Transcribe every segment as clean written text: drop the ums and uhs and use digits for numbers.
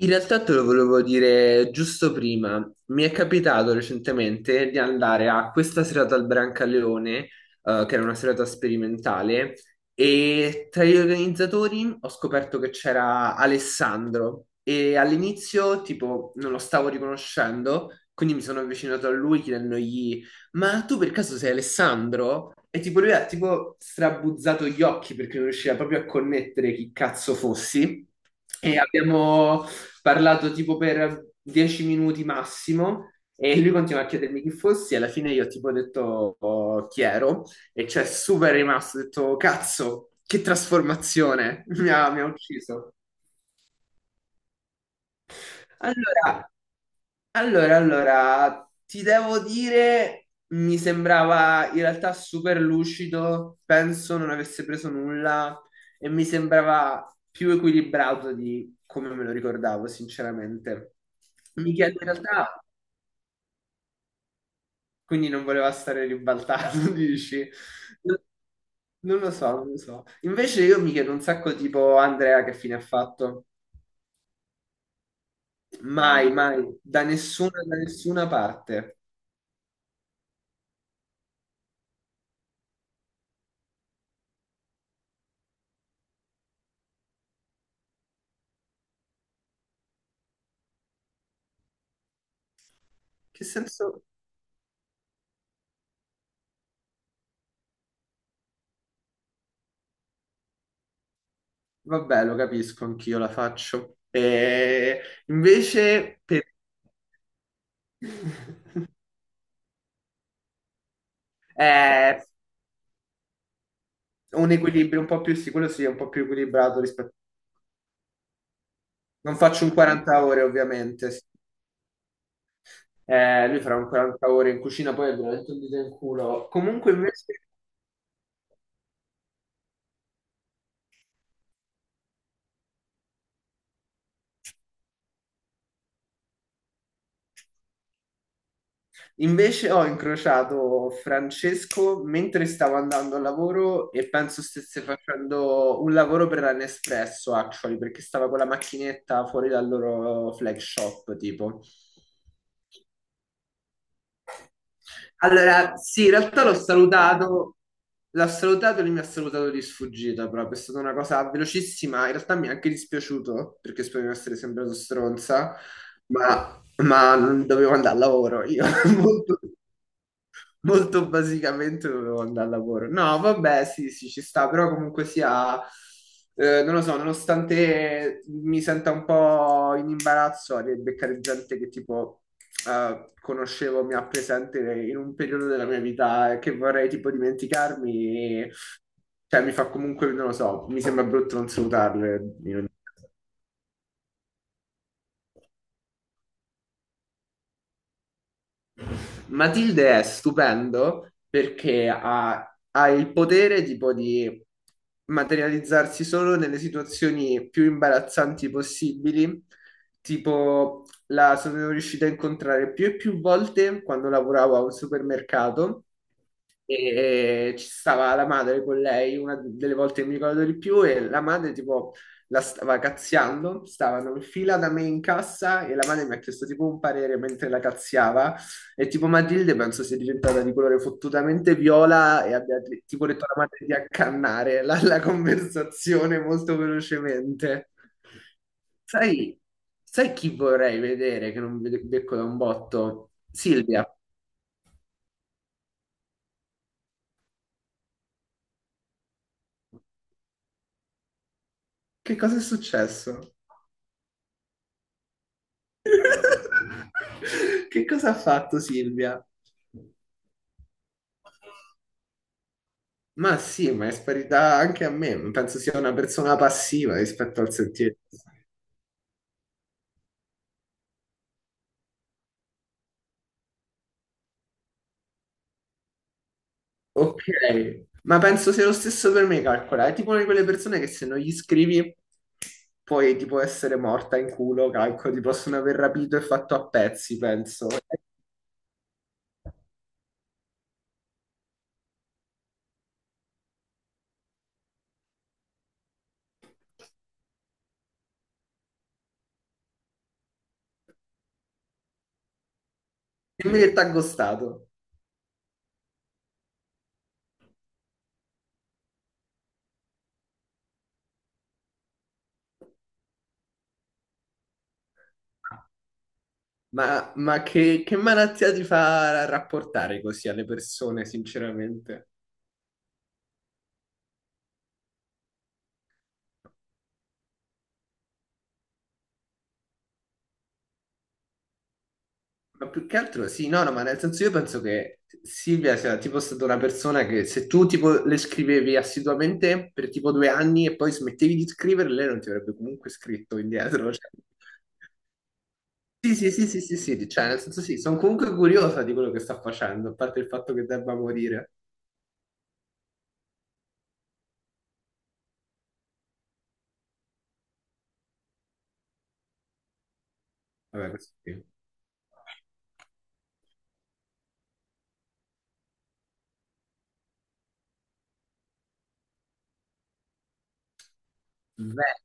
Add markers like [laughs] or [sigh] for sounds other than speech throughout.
In realtà te lo volevo dire giusto prima. Mi è capitato recentemente di andare a questa serata al Brancaleone, che era una serata sperimentale, e tra gli organizzatori ho scoperto che c'era Alessandro e all'inizio tipo non lo stavo riconoscendo, quindi mi sono avvicinato a lui chiedendogli ma tu per caso sei Alessandro? E tipo lui ha tipo strabuzzato gli occhi perché non riusciva proprio a connettere chi cazzo fossi. E abbiamo parlato tipo per 10 minuti massimo e lui continua a chiedermi chi fossi e alla fine io tipo ho detto oh, chi ero e cioè super rimasto, ho detto cazzo, che trasformazione, [laughs] mi ha ucciso. Allora, ti devo dire, mi sembrava in realtà super lucido, penso non avesse preso nulla e mi sembrava più equilibrato di come me lo ricordavo, sinceramente. Mi chiedo in realtà. Quindi non voleva stare ribaltato, [laughs] dici? Non lo so, non lo so. Invece io mi chiedo un sacco tipo Andrea che fine ha fatto. Mai, ah, mai, da nessuna parte. Che senso? Vabbè, lo capisco, anch'io la faccio. E invece per... [laughs] è un equilibrio un po' più sicuro, sì, quello sì, è un po' più equilibrato rispetto... Non faccio un 40 ore, ovviamente. Sì. Lui farà un 40 ore in cucina, poi è veramente un dito in culo. Comunque invece invece ho incrociato Francesco mentre stavo andando al lavoro e penso stesse facendo un lavoro per la Nespresso, actually, perché stava con la macchinetta fuori dal loro flag shop, tipo. Allora, sì, in realtà l'ho salutato e lui mi ha salutato di sfuggita, proprio, è stata una cosa velocissima, in realtà mi è anche dispiaciuto, perché spero di non essere sembrato stronza, ma non dovevo andare al lavoro, io [laughs] molto molto basicamente dovevo andare al lavoro. No, vabbè, sì, sì, ci sta, però comunque sia, non lo so, nonostante mi senta un po' in imbarazzo a beccare gente che tipo conoscevo, mi ha presente in un periodo della mia vita e che vorrei tipo dimenticarmi, cioè mi fa comunque, non lo so, mi sembra brutto non salutarle in ogni. Matilde è stupendo perché ha il potere tipo di materializzarsi solo nelle situazioni più imbarazzanti possibili. Tipo, la sono riuscita a incontrare più e più volte quando lavoravo a un supermercato e ci stava la madre con lei, una delle volte che mi ricordo di più, e la madre tipo la stava cazziando, stavano in fila da me in cassa e la madre mi ha chiesto tipo un parere mentre la cazziava e tipo Matilde penso sia diventata di colore fottutamente viola e abbia tipo detto alla madre di accannare la conversazione molto velocemente. Sai, sai chi vorrei vedere che non vede- becco da un botto? Silvia, che cosa è successo? [laughs] Che cosa ha fatto Silvia? Ma sì, ma è sparita anche a me. Penso sia una persona passiva rispetto al sentiero. Ok, ma penso sia lo stesso per me, calcola. È tipo una di quelle persone che se non gli scrivi puoi tipo essere morta in culo, calcolo. Ti possono aver rapito e fatto a pezzi, penso. Dimmi che t'ha ghostato. Ma, che malattia ti fa rapportare così alle persone, sinceramente? Ma più che altro sì, no, no, ma nel senso io penso che Silvia sia tipo stata una persona che se tu tipo le scrivevi assiduamente per tipo due anni e poi smettevi di scrivere, lei non ti avrebbe comunque scritto indietro. Cioè. Sì, sì, sì, sì, sì, sì, cioè nel senso sì, sono comunque curiosa di quello che sta facendo, a parte il fatto che debba morire. Vabbè, questo sì.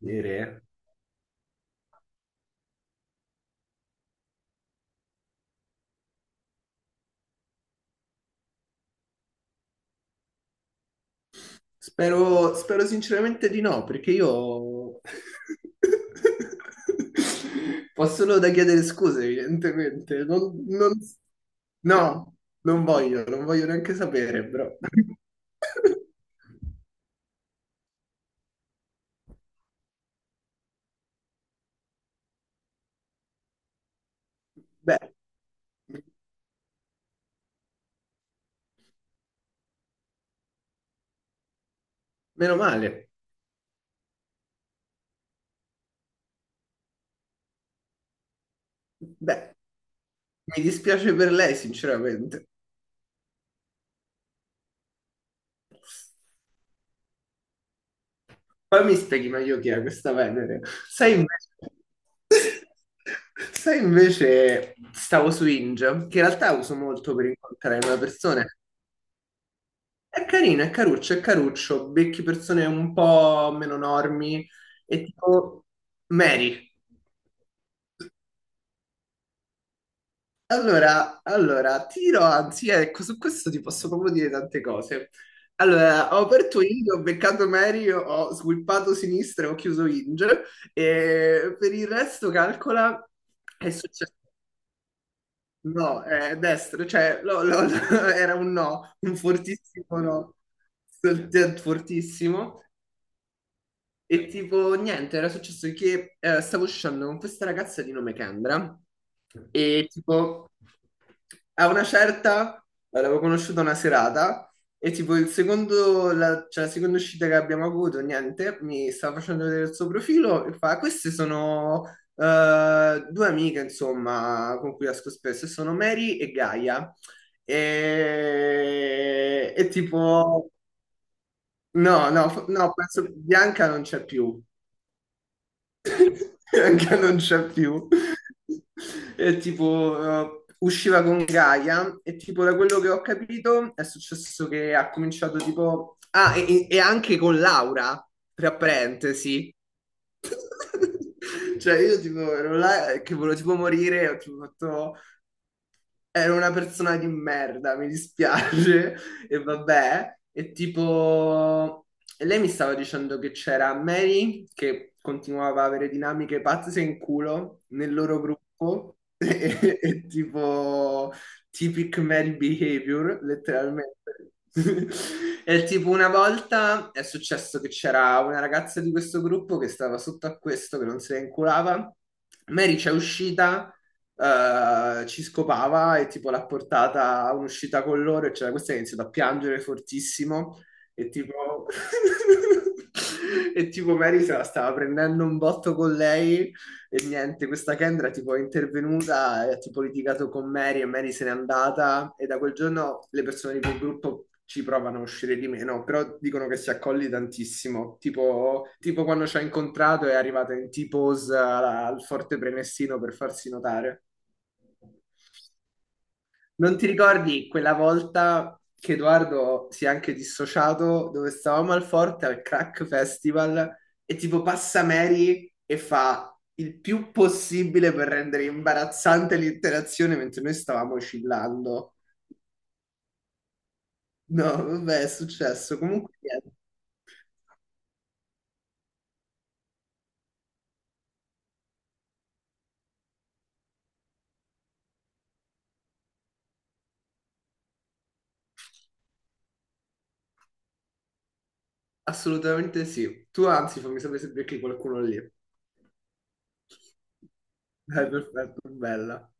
Venere? Spero, spero sinceramente di no, perché io [laughs] posso solo da chiedere scuse, evidentemente. No, non voglio, non voglio neanche sapere, però. [laughs] Beh, meno male. Beh, mi dispiace per lei, sinceramente. Poi mi spieghi meglio chi è questa Venere. Sai invece... [laughs] Sai invece, stavo su Inge, che in realtà uso molto per incontrare una persona. È carino, è caruccio, è caruccio. Becchi persone un po' meno normi e tipo Mary. Allora, anzi, ecco, su questo ti posso proprio dire tante cose. Allora, ho aperto Inge, ho beccato Mary, ho sweepato sinistra e ho chiuso Inge. E per il resto, calcola, è successo. No, è destra, [laughs] era un no, un fortissimo no, fortissimo. E tipo, niente, era successo che stavo uscendo con questa ragazza di nome Kendra e tipo, a una certa l'avevo conosciuta una serata e tipo il secondo, la, cioè, la seconda uscita che abbiamo avuto, niente, mi stava facendo vedere il suo profilo e fa, queste sono due amiche, insomma, con cui esco spesso, e sono Mary e Gaia. E tipo, no, no, no, penso Bianca non c'è più. [laughs] Anche non c'è più. E tipo, usciva con Gaia e tipo da quello che ho capito è successo che ha cominciato tipo... Ah, e anche con Laura, tra parentesi. [laughs] Cioè io tipo ero là che volevo tipo morire, ho tipo fatto... Era una persona di merda, mi dispiace, [laughs] e vabbè. E tipo, e lei mi stava dicendo che c'era Mary che continuava a avere dinamiche pazze in culo nel loro gruppo, [laughs] e tipo, typic Mary behavior, letteralmente. [laughs] E tipo una volta è successo che c'era una ragazza di questo gruppo che stava sotto a questo, che non se ne inculava. Mary c'è uscita ci scopava e tipo l'ha portata a un'uscita con loro e c'era questa che ha iniziato a piangere fortissimo e tipo... [laughs] e tipo Mary se la stava prendendo un botto con lei e niente, questa Kendra tipo è intervenuta e ha tipo litigato con Mary e Mary se n'è andata e da quel giorno le persone di quel gruppo ci provano a uscire di meno, però dicono che si accolli tantissimo, tipo, tipo quando ci ha incontrato è arrivata in T-pose al forte Prenestino per farsi notare. Non ti ricordi quella volta che Edoardo si è anche dissociato dove stavamo al Forte al Crack Festival e tipo passa Mary e fa il più possibile per rendere imbarazzante l'interazione mentre noi stavamo oscillando? No, vabbè, è successo. Comunque, niente, assolutamente sì. Tu anzi, fammi sapere se becchi qualcuno lì. Dai, perfetto, bella.